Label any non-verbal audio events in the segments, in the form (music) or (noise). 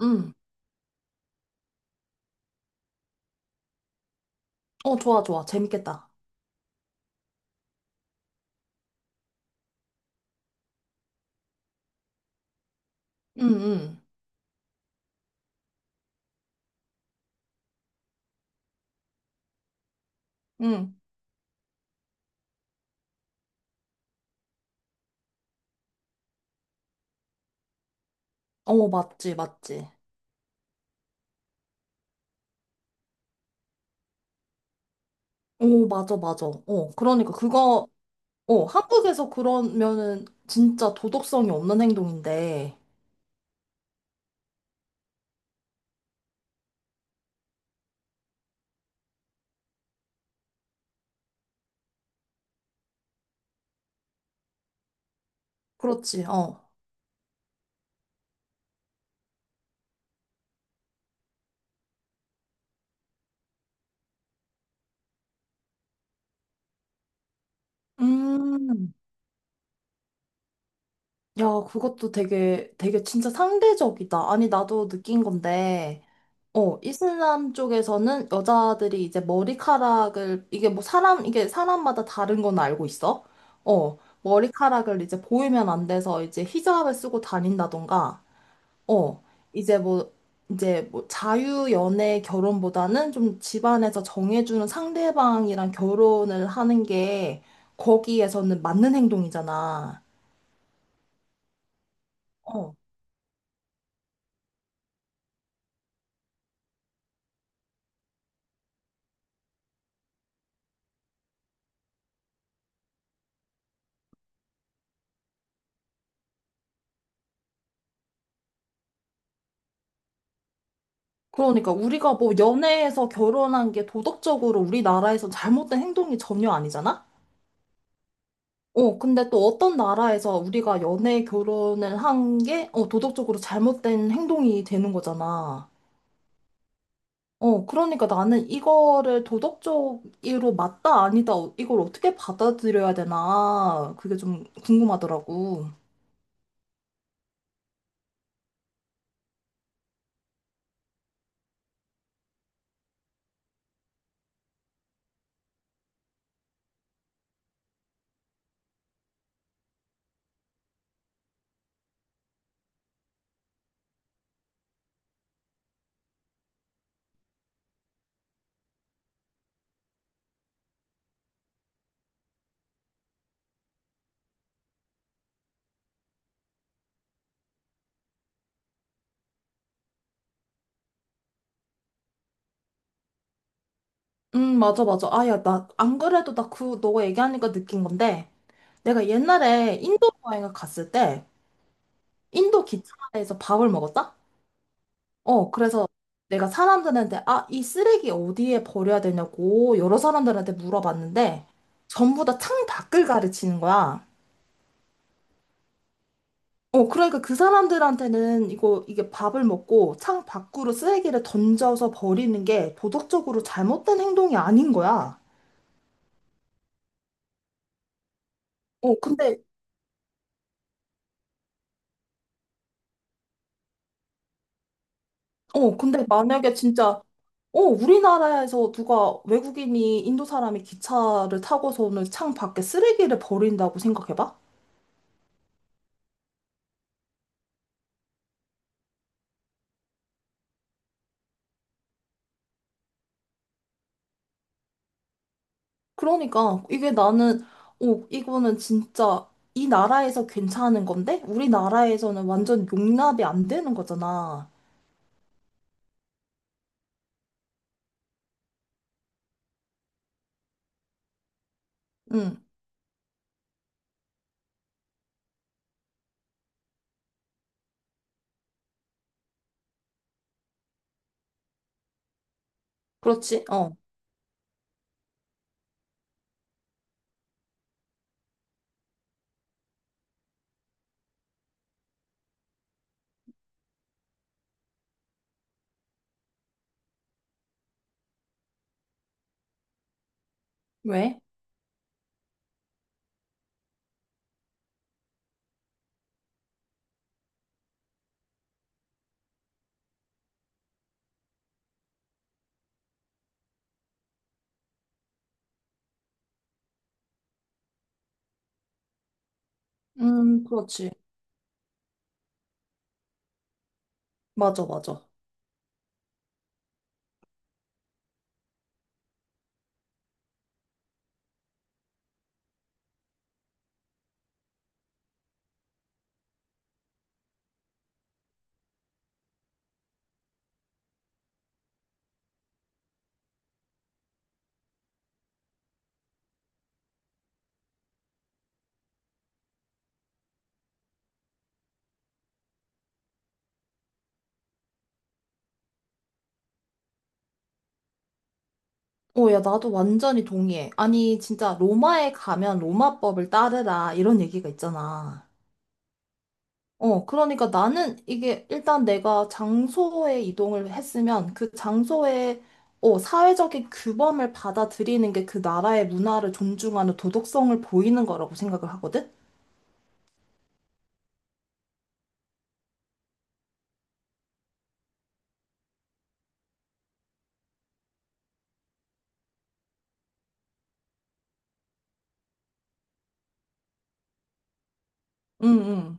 응. 좋아, 좋아. 재밌겠다. 응, 응, 응. 맞지, 맞지. 오, 맞아, 맞아. 한국에서 그러면은 진짜 도덕성이 없는 행동인데. 그렇지, 어. 음, 야, 그것도 되게, 되게 진짜 상대적이다. 아니, 나도 느낀 건데. 이슬람 쪽에서는 여자들이 이제 머리카락을, 이게 사람마다 다른 건 알고 있어? 머리카락을 이제 보이면 안 돼서 이제 히잡을 쓰고 다닌다던가, 어, 이제 뭐, 이제 뭐 자유연애 결혼보다는 좀 집안에서 정해주는 상대방이랑 결혼을 하는 게 거기에서는 맞는 행동이잖아. 어. 그러니까 우리가 뭐 연애에서 결혼한 게 도덕적으로 우리나라에서 잘못된 행동이 전혀 아니잖아? 근데 또 어떤 나라에서 우리가 연애 결혼을 한 게, 도덕적으로 잘못된 행동이 되는 거잖아. 그러니까 나는 이거를 도덕적으로 맞다, 아니다, 이걸 어떻게 받아들여야 되나, 그게 좀 궁금하더라고. 맞아, 맞아. 야, 안 그래도 너가 얘기하니까 느낀 건데, 내가 옛날에 인도 여행을 갔을 때, 인도 기차에서 밥을 먹었다? 그래서 내가 사람들한테, 이 쓰레기 어디에 버려야 되냐고 여러 사람들한테 물어봤는데, 전부 다 창 밖을 가르치는 거야. 그러니까 그 사람들한테는 이게 밥을 먹고 창 밖으로 쓰레기를 던져서 버리는 게 도덕적으로 잘못된 행동이 아닌 거야. 어, 근데, 근데 만약에 진짜, 우리나라에서 누가 외국인이 인도 사람이 기차를 타고서는 창 밖에 쓰레기를 버린다고 생각해봐? 그러니까 이게 나는 오 이거는 진짜 이 나라에서 괜찮은 건데 우리나라에서는 완전 용납이 안 되는 거잖아. 응, 그렇지? 어. 왜? 그렇지. 맞아, 맞아. 오, 야, 나도 완전히 동의해. 아니, 진짜 로마에 가면 로마법을 따르라 이런 얘기가 있잖아. 그러니까 나는 이게 일단 내가 장소에 이동을 했으면 그 장소에 사회적인 규범을 받아들이는 게 그 나라의 문화를 존중하는 도덕성을 보이는 거라고 생각을 하거든? 응, 응,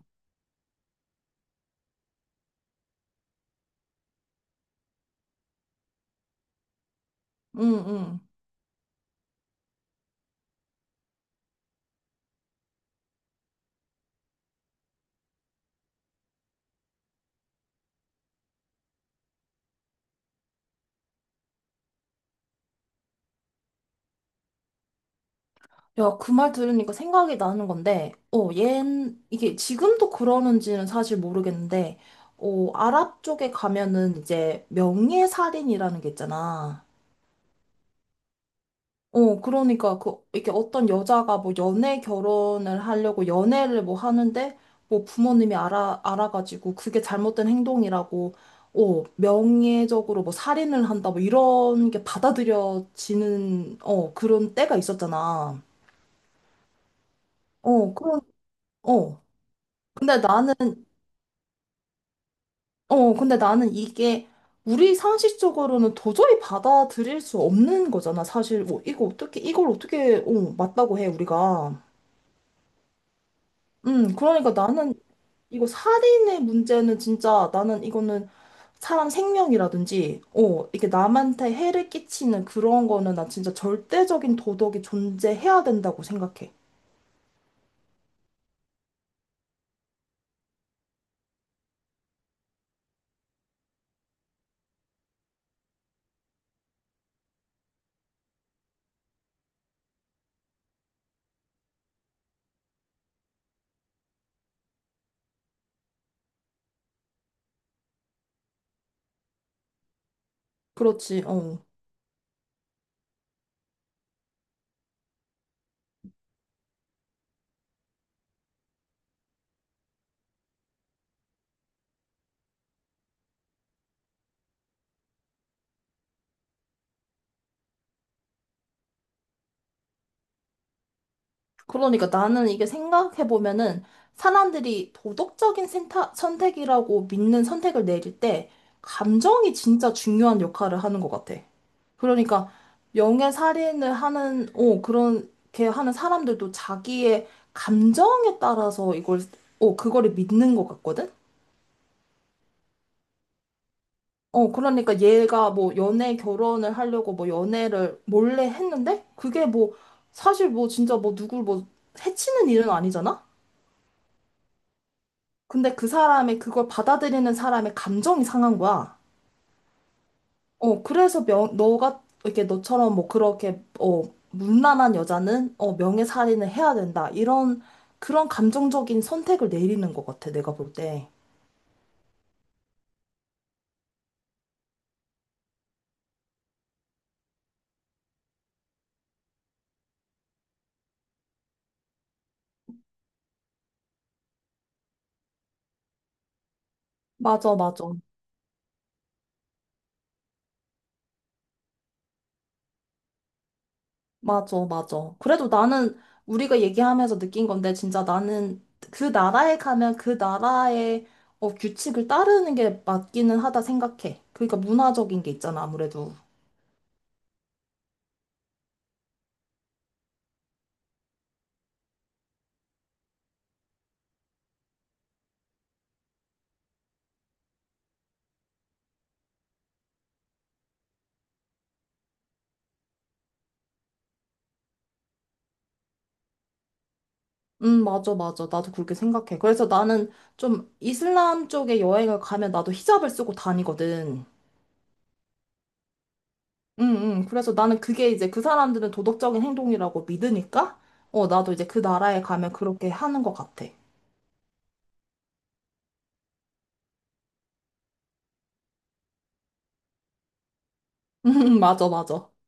응, 응. 야, 그 말 들으니까 생각이 나는 건데, 이게 지금도 그러는지는 사실 모르겠는데, 아랍 쪽에 가면은 이제 명예살인이라는 게 있잖아. 이렇게 어떤 여자가 뭐 연애 결혼을 하려고 연애를 뭐 하는데, 뭐 부모님이 알아가지고 그게 잘못된 행동이라고, 명예적으로 뭐 살인을 한다, 뭐 이런 게 받아들여지는, 그런 때가 있었잖아. 어, 그런, 어. 근데 나는, 근데 나는 이게 우리 상식적으로는 도저히 받아들일 수 없는 거잖아, 사실. 뭐, 이걸 어떻게, 맞다고 해, 우리가. 그러니까 나는 이거 살인의 문제는 진짜 나는 이거는 사람 생명이라든지, 이게 남한테 해를 끼치는 그런 거는 나 진짜 절대적인 도덕이 존재해야 된다고 생각해. 그렇지, 어. 그러니까 나는 이게 생각해보면은 사람들이 도덕적인 선택이라고 믿는 선택을 내릴 때 감정이 진짜 중요한 역할을 하는 것 같아. 그러니까 명예 살인을 하는, 그렇게 하는 사람들도 자기의 감정에 따라서 그거를 믿는 것 같거든? 그러니까 얘가 뭐 연애 결혼을 하려고 뭐 연애를 몰래 했는데 그게 뭐 사실 뭐 진짜 뭐 누굴 뭐 해치는 일은 아니잖아? 근데 그 사람의 그걸 받아들이는 사람의 감정이 상한 거야. 그래서 너가 이렇게 너처럼 뭐 그렇게 문란한 여자는 명예살인을 해야 된다. 이런 그런 감정적인 선택을 내리는 것 같아. 내가 볼 때. 맞아, 맞아. 맞아, 맞아. 그래도 나는 우리가 얘기하면서 느낀 건데 진짜 나는 그 나라에 가면 그 나라의 규칙을 따르는 게 맞기는 하다 생각해. 그러니까 문화적인 게 있잖아, 아무래도. 맞아, 맞아. 나도 그렇게 생각해. 그래서 나는 좀 이슬람 쪽에 여행을 가면 나도 히잡을 쓰고 다니거든. 응, 응. 그래서 나는 그게 이제 그 사람들은 도덕적인 행동이라고 믿으니까, 나도 이제 그 나라에 가면 그렇게 하는 것 같아. (laughs) 맞아, 맞아.